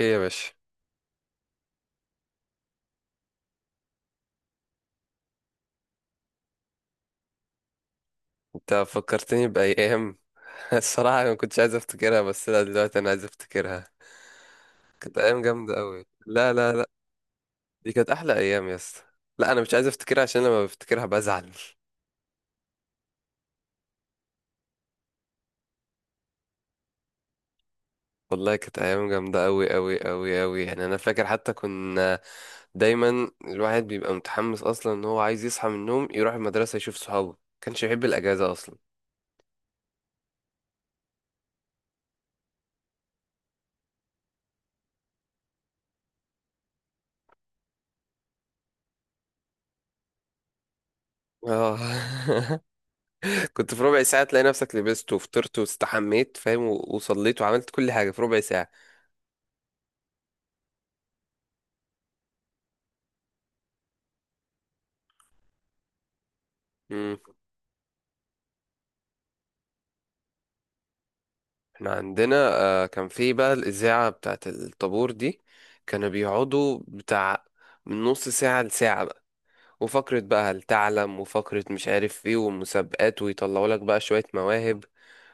ايه يا باشا؟ انت فكرتني بأيام. الصراحة أنا ما كنتش عايز افتكرها بس لا دلوقتي انا عايز افتكرها. كانت ايام جامدة قوي. لا، لا، لا، دي كانت احلى ايام يا اسطى. لا انا مش عايز افتكرها عشان لما بفتكرها بزعل. والله كانت ايام جامدة قوي قوي قوي قوي، يعني انا فاكر. حتى كنا دايما الواحد بيبقى متحمس اصلا ان هو عايز يصحى من النوم يروح المدرسة يشوف صحابه، كانش يحب الاجازة اصلا. اه. كنت في ربع ساعة تلاقي نفسك لبست وفطرت واستحميت، فاهم، وصليت وعملت كل حاجة في ربع ساعة. مم. احنا عندنا كان في بقى الإذاعة بتاعت الطابور دي. كانوا بيقعدوا بتاع من نص ساعة لساعة بقى. وفقرة بقى هل تعلم، وفقرة مش عارف ايه، ومسابقات، ويطلعوا لك بقى شوية مواهب،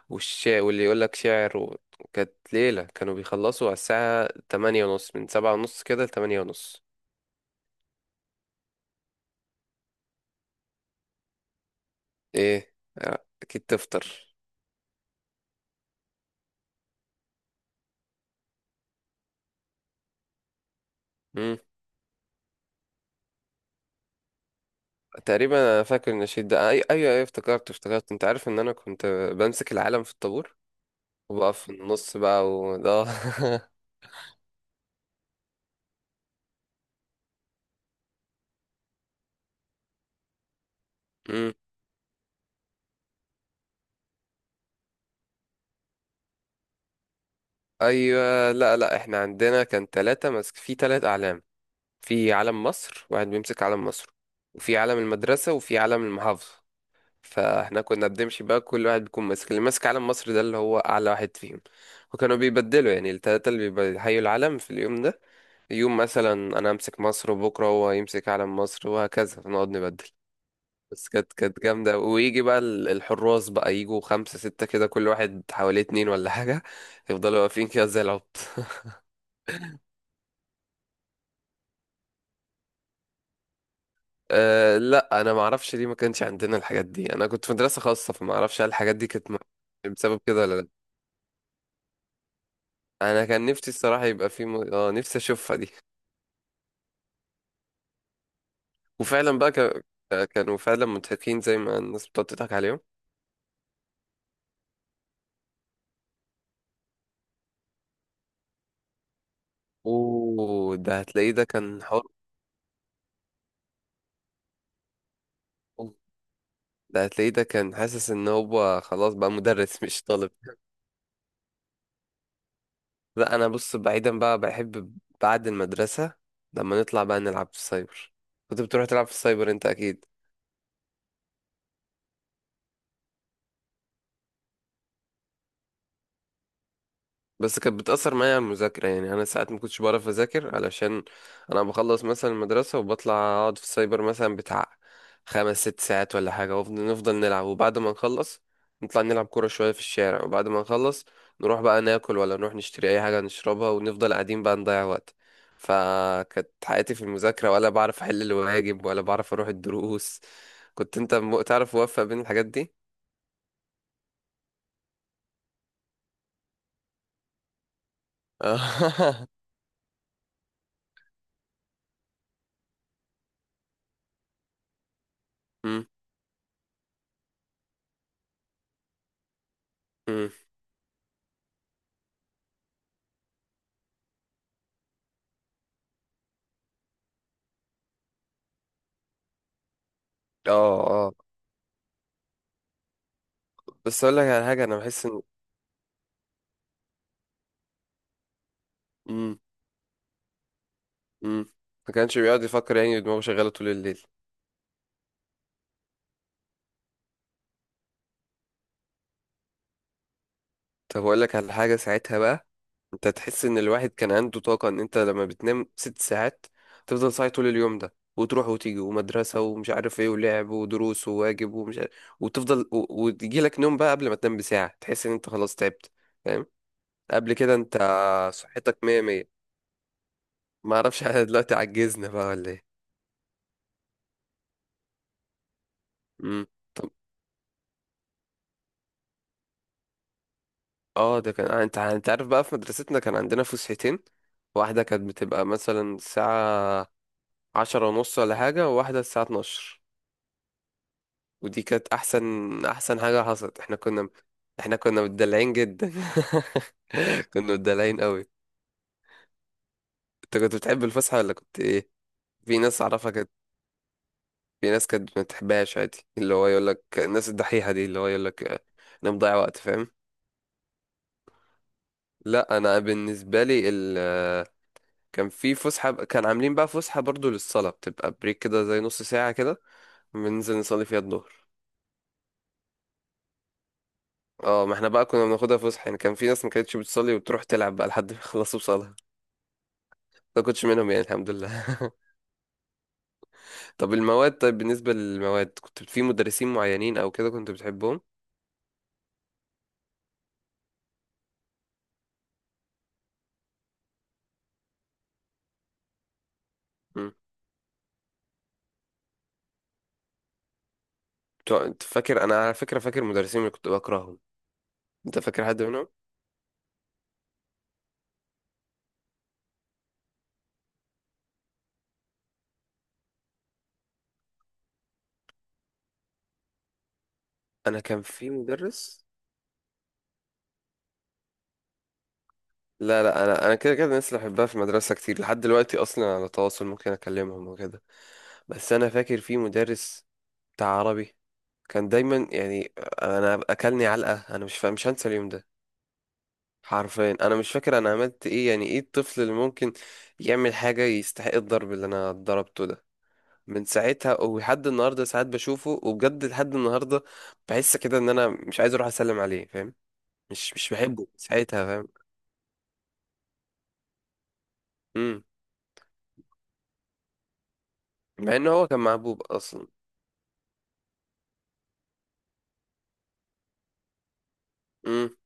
والشعر واللي يقول لك شعر. و... كانت ليلة، كانوا بيخلصوا على الساعة 8:30، من 7:30 كده لـ8:30. ايه أكيد تفطر. مم. تقريبا أنا فاكر النشيد ده. أيوة أيوة، افتكرت افتكرت. أنت عارف إن أنا كنت بمسك العالم في الطابور وبقى في النص بقى وده. مم. ايوه. لا لا احنا عندنا كان ثلاثة ماسك في ثلاث اعلام. في علم مصر، واحد بيمسك علم مصر، وفي علم المدرسة، وفي علم المحافظة. فاحنا كنا بنمشي بقى كل واحد بيكون ماسك، اللي ماسك علم مصر ده اللي هو اعلى واحد فيهم. وكانوا بيبدلوا يعني الثلاثة اللي بيحيوا العلم في اليوم ده. يوم مثلا انا امسك مصر وبكرة هو يمسك علم مصر، وهكذا فنقعد نبدل. بس كانت جامدة. ويجي بقى الحراس بقى، يجوا خمسة ستة كده، كل واحد حواليه اتنين ولا حاجة. يفضلوا واقفين كده زي العبط. أه لا أنا معرفش ليه ما كانش عندنا الحاجات دي، أنا كنت في مدرسة خاصة فمعرفش هل الحاجات دي كانت بسبب كده ولا لأ. أنا كان نفسي الصراحة يبقى في م... اه نفسي أشوفها دي. وفعلا بقى ك... آه، كانوا فعلا مضحكين زي ما الناس بتقعد تضحك عليهم. أوه، ده هتلاقيه ده كان حر. ده هتلاقيه ده كان حاسس إن هو خلاص بقى مدرس مش طالب. لا انا بص، بعيدا بقى، بحب بعد المدرسة لما نطلع بقى نلعب في السايبر. كنت بتروح تلعب في السايبر انت اكيد؟ بس كانت بتأثر معايا على المذاكرة، يعني أنا ساعات ما كنتش بعرف أذاكر علشان أنا بخلص مثلا المدرسة وبطلع أقعد في السايبر مثلا بتاع خمس ست ساعات ولا حاجة، ونفضل نفضل نلعب، وبعد ما نخلص نطلع نلعب كورة شوية في الشارع، وبعد ما نخلص نروح بقى ناكل، ولا نروح نشتري أي حاجة نشربها، ونفضل قاعدين بقى نضيع وقت. فكانت حياتي في المذاكرة ولا بعرف أحل الواجب ولا بعرف أروح الدروس. كنت أنت تعرف موفق بين الحاجات دي؟ اه. مم. مم. اه بس اقول لك على حاجه، انا بحس ان. امم. امم. ما كانش بيقعد يفكر، يعني دماغه شغاله طول الليل. طب اقول لك على حاجه ساعتها بقى، انت تحس ان الواحد كان عنده طاقه، ان انت لما بتنام 6 ساعات تفضل صاحي طول اليوم ده، وتروح وتيجي ومدرسه ومش عارف ايه، ولعب ودروس وواجب ومش عارف، وتفضل، وتجي لك نوم بقى قبل ما تنام بساعه تحس ان انت خلاص تعبت، فاهم؟ قبل كده انت صحتك مية مية. ما اعرفش، احنا دلوقتي عجزنا بقى ولا ايه؟ امم. اه ده كان انت عارف بقى في مدرستنا كان عندنا فسحتين. واحدة كانت بتبقى مثلا الساعة 10:30 ولا حاجة، وواحدة الساعة 12. ودي كانت أحسن أحسن حاجة حصلت. احنا كنا متدلعين جدا. كنا متدلعين قوي. انت كنت بتحب الفسحة ولا كنت ايه؟ في ناس أعرفها كانت. في ناس كانت ما بتحبهاش عادي، اللي هو يقول لك الناس الدحيحة دي، اللي هو يقول لك انا مضيع وقت، فاهم. لا انا بالنسبة لي، كان في فسحة، كان عاملين بقى فسحة برضو للصلاة، بتبقى بريك كده زي نص ساعة كده، بننزل نصلي فيها الظهر. اه ما احنا بقى كنا بناخدها فسحة، يعني كان في ناس ما كانتش بتصلي وبتروح تلعب بقى لحد ما يخلصوا صلاة، ما كنتش منهم يعني الحمد لله. طب المواد، طيب بالنسبة للمواد كنت في مدرسين معينين او كده كنت بتحبهم؟ مم. انت فاكر، انا على فكرة فاكر مدرسين اللي كنت بكرههم، انت فاكر حد منهم؟ انا كان في مدرس. لا لا انا كده كده الناس اللي بحبها في المدرسة كتير، لحد دلوقتي اصلا على تواصل ممكن اكلمهم وكده. بس انا فاكر في مدرس بتاع عربي، كان دايما يعني انا اكلني علقه. انا مش هنسى اليوم ده. حرفيا انا مش فاكر انا عملت ايه، يعني ايه الطفل اللي ممكن يعمل حاجه يستحق الضرب اللي انا ضربته ده؟ من ساعتها ولحد النهارده ساعات بشوفه، وبجد لحد النهارده بحس كده ان انا مش عايز اروح اسلم عليه، فاهم؟ مش بحبه من ساعتها، فاهم. امم. مع ان هو كان محبوب اصلا. امم.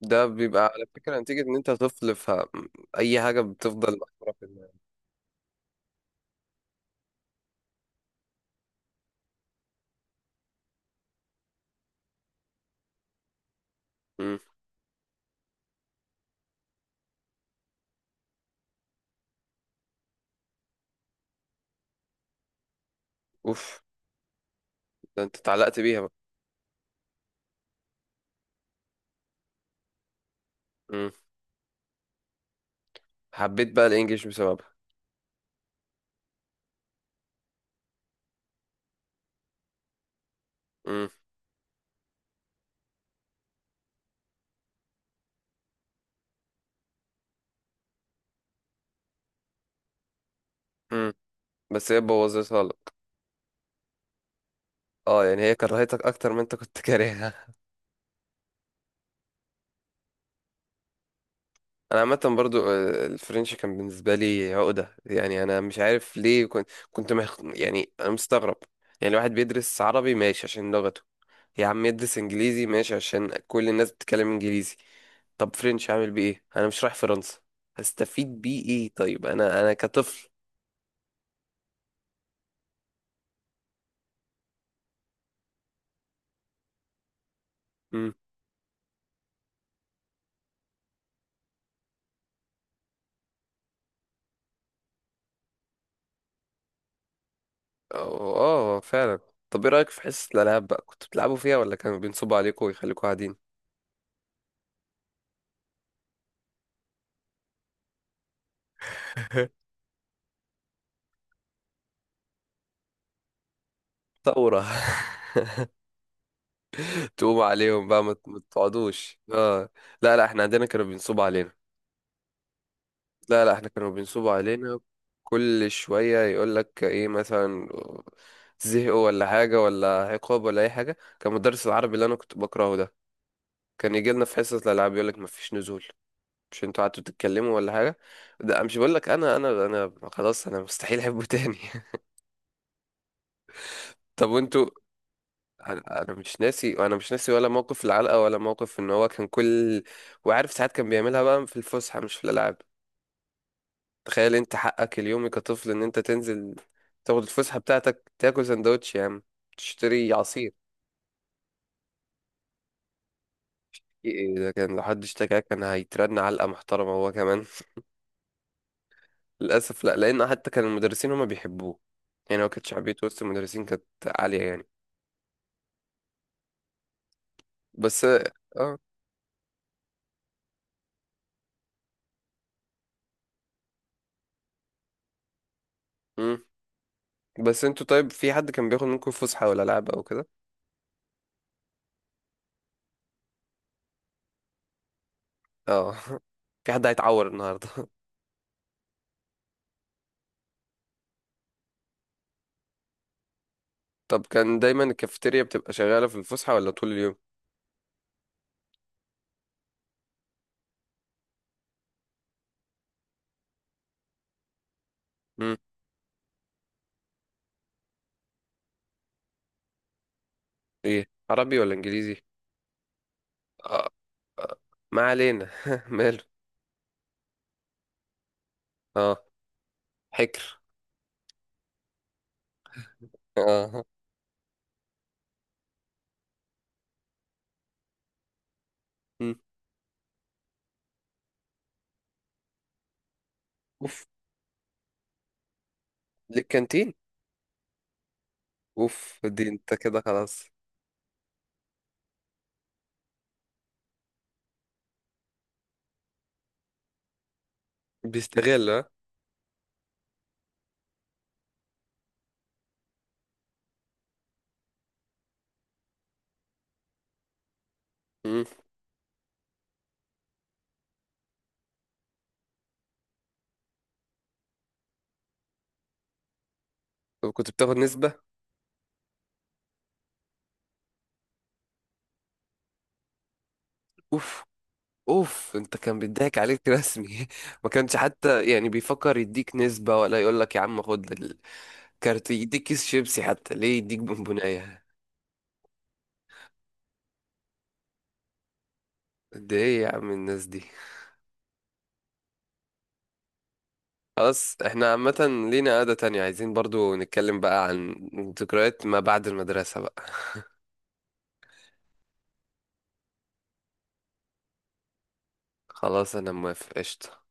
ده بيبقى على فكره نتيجه ان انت طفل، فاي حاجه بتفضل محفوره في دماغك. إمم. اوف، ده انت اتعلقت بيها بقى. امم. حبيت بقى الانجليش بسببها. امم. امم. بس هي بوظتها لك. اه يعني هي كرهتك اكتر ما انت كنت كارهها. انا عامه برضو الفرنش كان بالنسبه لي عقده، يعني انا مش عارف ليه يعني انا مستغرب. يعني الواحد بيدرس عربي ماشي عشان لغته، يا عم يدرس انجليزي ماشي عشان كل الناس بتتكلم انجليزي، طب فرنش اعمل بيه ايه؟ انا مش رايح فرنسا، هستفيد بيه ايه طيب؟ انا كطفل. امم. اه فعلا. طب ايه رأيك في حصة الألعاب بقى، كنت بتلعبوا فيها ولا كانوا بينصبوا عليكم ويخليكم قاعدين؟ ثورة. تقوموا عليهم بقى، ما تقعدوش، اه. لا لا احنا عندنا كانوا بينصبوا علينا. لا لا احنا كانوا بينصبوا علينا. كل شوية يقول لك ايه مثلا زهقوا ولا حاجة ولا عقاب ولا أي حاجة، كان مدرس العربي اللي أنا كنت بكرهه ده، كان يجي لنا في حصة الألعاب يقول لك مفيش نزول، مش انتوا قعدتوا تتكلموا ولا حاجة. ده مش بقول لك، أنا خلاص أنا مستحيل أحبه تاني. طب وانتوا. انا مش ناسي، انا مش ناسي ولا موقف العلقه ولا موقف ان هو كان كل. وعارف ساعات كان بيعملها بقى في الفسحه مش في الالعاب. تخيل انت حقك اليومي كطفل ان انت تنزل تاخد الفسحه بتاعتك، تاكل سندوتش يا عم، تشتري عصير. ايه ده كان، لو حد اشتكاك كان هيترن علقه محترمه هو كمان. للاسف لا، لان حتى كان المدرسين هما بيحبوه، يعني هو كانت شعبيته وسط المدرسين كانت عاليه يعني. بس اه. مم. بس انتوا طيب، في حد كان بياخد منكم فسحه ولا لعب او كده؟ اه. في حد هيتعور النهارده. طب كان دايما الكافيتيريا بتبقى شغاله في الفسحه ولا طول اليوم؟ امم. ايه عربي ولا انجليزي؟ آه. آه، ما علينا، ماله. اه حكر. اه. مم. اوف، للكانتين. اوف دي انت كده خلاص. بيستغل، ها. مم. طب كنت بتاخد نسبه؟ اوف. اوف انت كان بيضحك عليك رسمي، ما كانش حتى يعني بيفكر يديك نسبه ولا يقول لك يا عم خد الكارت، يديك كيس شيبسي حتى، ليه يديك بونبونايه؟ قد ايه يا عم الناس دي. خلاص احنا عامة لينا قعدة تانية، عايزين برضو نتكلم بقى عن ذكريات ما بعد المدرسة بقى. خلاص انا موافق، قشطة.